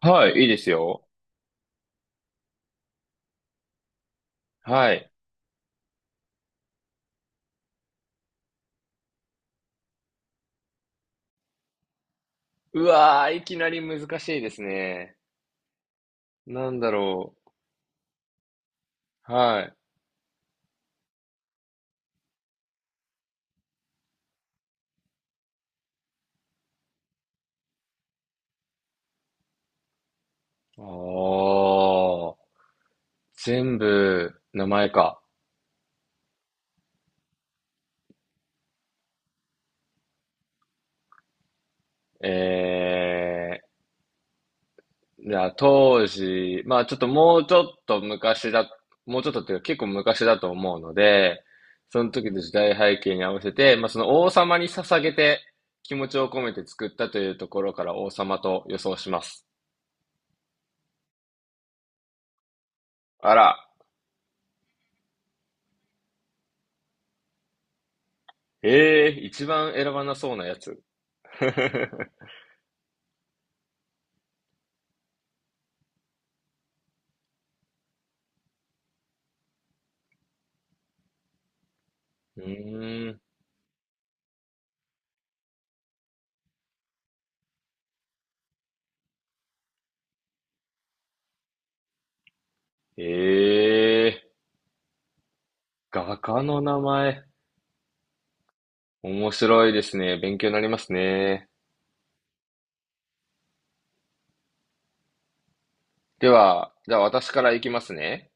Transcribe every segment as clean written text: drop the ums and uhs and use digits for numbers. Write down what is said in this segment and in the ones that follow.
はい、いいですよ。はい。うわー、いきなり難しいですね。なんだろう。はい。ああ、全部、名前か。えじゃあ当時、まあちょっともうちょっと昔だ、もうちょっとっていうか結構昔だと思うので、その時の時代背景に合わせて、まあその王様に捧げて気持ちを込めて作ったというところから王様と予想します。あら、えー、一番選ばなそうなやつ。うーん。ええ画家の名前。面白いですね。勉強になりますね。では、じゃあ私からいきますね。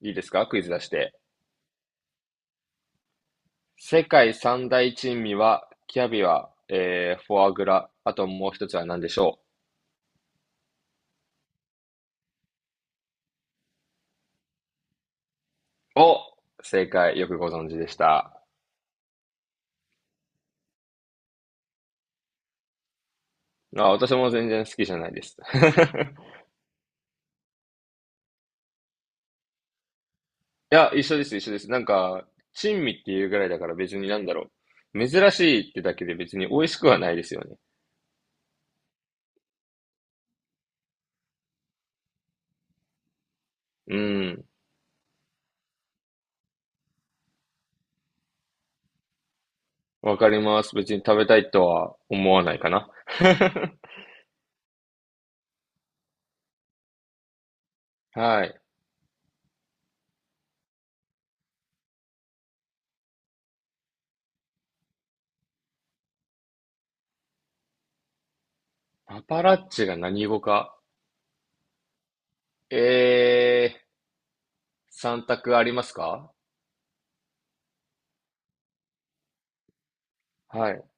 いいですか、クイズ出して。世界三大珍味は、キャビア、フォアグラ、あともう一つは何でしょう？お、正解、よくご存知でした。あ、私も全然好きじゃないです。いや、一緒です、一緒です。なんか、珍味っていうぐらいだから別になんだろう。珍しいってだけで別に美味しくはないですよね。うん。わかります。別に食べたいとは思わないかな。はい。パパラッチが何語か。えー、三択ありますか？はい。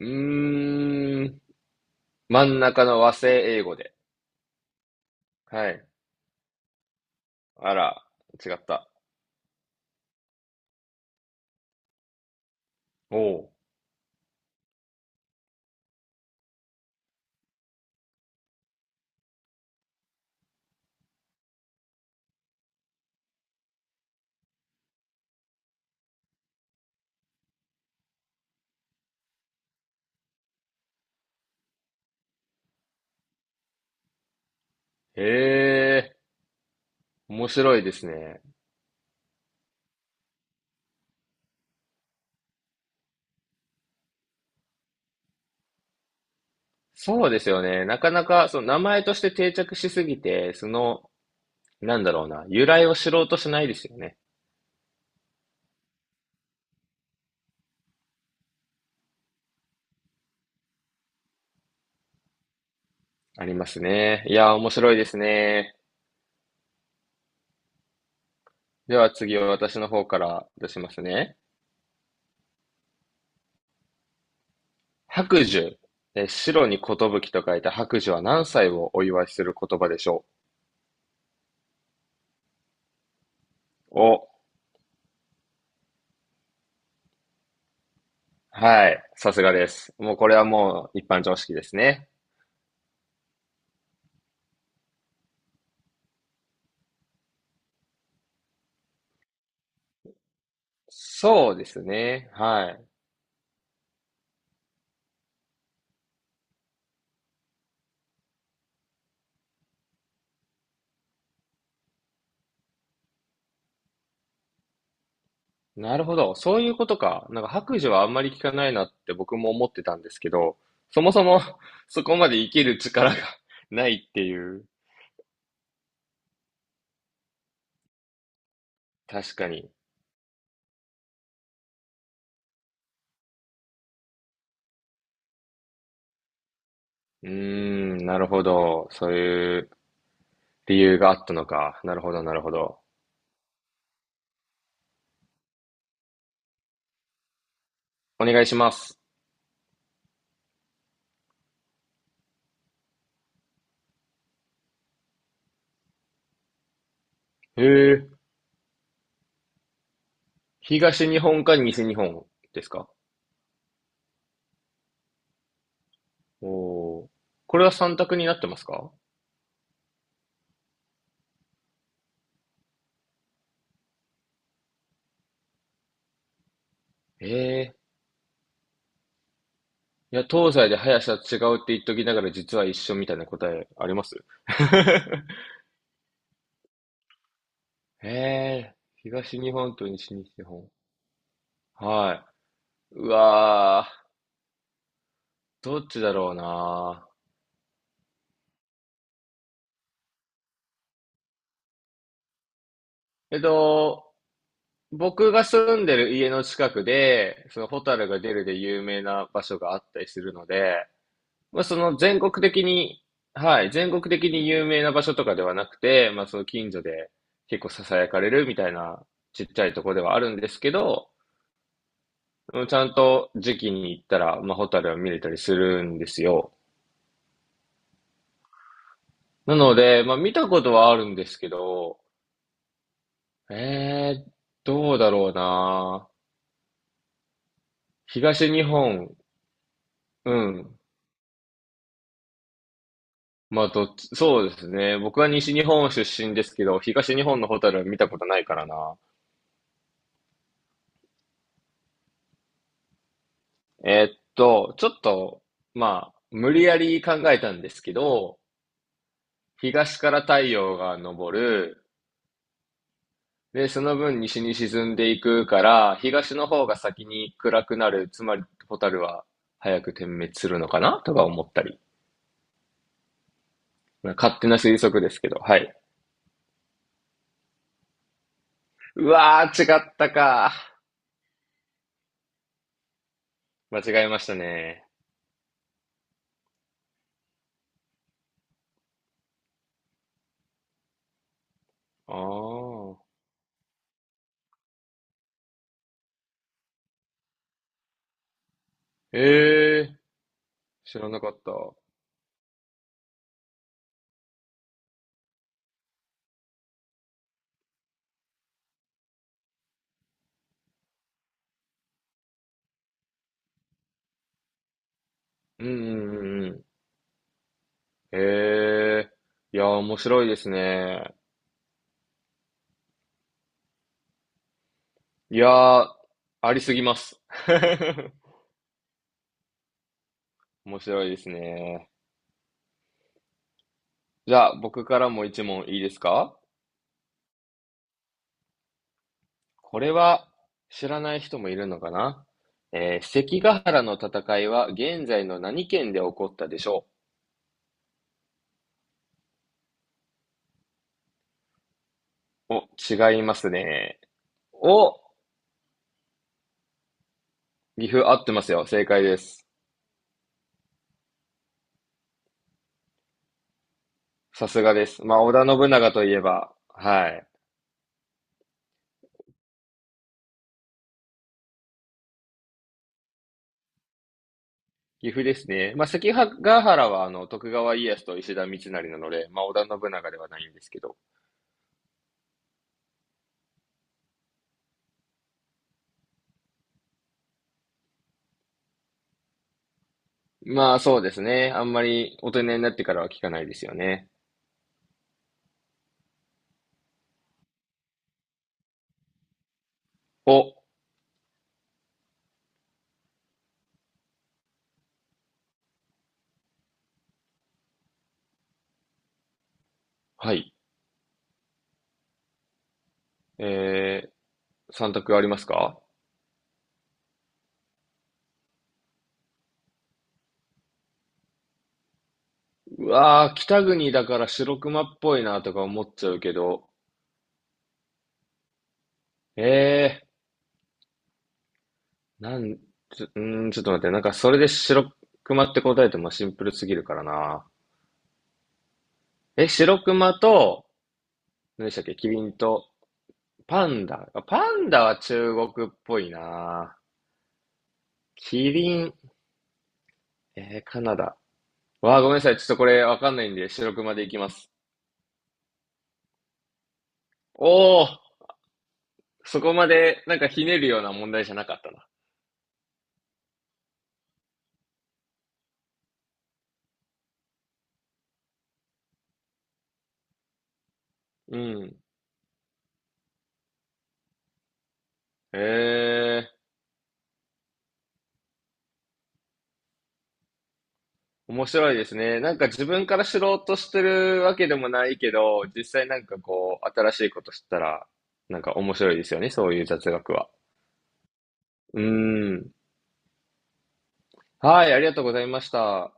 うーん。真ん中の和製英語で。はい。あら、違った。おう。へえ、面白いですね。そうですよね。なかなか、その名前として定着しすぎて、その、なんだろうな、由来を知ろうとしないですよね。ありますね。いやー、面白いですね。では次は私の方から出しますね。白寿。えー、白に寿と書いた白寿は何歳をお祝いする言葉でしょう？お、はい。さすがです。もうこれはもう一般常識ですね。そうですね。はい。なるほど。そういうことか。なんか白寿はあんまり聞かないなって僕も思ってたんですけど、そもそも そこまで生きる力が ないっていう。確かに。うーん、なるほど。そういう理由があったのか。なるほど、なるほど。お願いします。へえ、東日本か西日本ですか？おおー、これは三択になってますか？ええ、いや、東西で速さ違うって言っときながら実は一緒みたいな答えあります？ ええ、東日本と西日本。はい。うわー、どっちだろうな。えっと、僕が住んでる家の近くで、そのホタルが出るで有名な場所があったりするので、まあ、その全国的に、はい、全国的に有名な場所とかではなくて、まあ、その近所で結構ささやかれるみたいなちっちゃいとこではあるんですけど、うん、ちゃんと時期に行ったら、まあ、ホタルは見れたりするんですよ。なので、まあ、見たことはあるんですけど、えー、どうだろうな。東日本、うん。まあ、どっち、そうですね。僕は西日本出身ですけど、東日本のホタルは見たことないからな。えーっと、ちょっと、まあ、無理やり考えたんですけど、東から太陽が昇る、で、その分西に沈んでいくから、東の方が先に暗くなる、つまり蛍は早く点滅するのかなとか思ったり。まあ勝手な推測ですけど、はい。うわー、違ったか。間違えましたね。あー。えー、知らなかった。うんうんうんうん。えー、いやー、面白いですね。いやー、ありすぎます。面白いですね。じゃあ、僕からも一問いいですか？これは知らない人もいるのかな。えー、関ヶ原の戦いは現在の何県で起こったでしょう？お、違いますね。お、岐阜合ってますよ。正解です。さすがです。まあ、織田信長といえば、はい。岐阜ですね。まあ、関ヶ原は、あの、徳川家康と石田三成なので、まあ、織田信長ではないんですけど。まあそうですね。あんまり大人になってからは聞かないですよね。お、はい。えー、3択ありますか？うわー、北国だから白熊っぽいなとか思っちゃうけど、えー、なん、ちょ、うーん、ちょっと待って、なんかそれで白熊って答えてもシンプルすぎるからな。え、白熊と、何でしたっけ、キリンと、パンダ。あ、パンダは中国っぽいな。キリン、えー、カナダ。わあ、ごめんなさい。ちょっとこれわかんないんで、白熊でいきます。おお、そこまでなんかひねるような問題じゃなかったな。うん。へえ、面白いですね。なんか自分から知ろうとしてるわけでもないけど、実際なんかこう、新しいこと知ったら、なんか面白いですよね、そういう雑学は。うん。はい、ありがとうございました。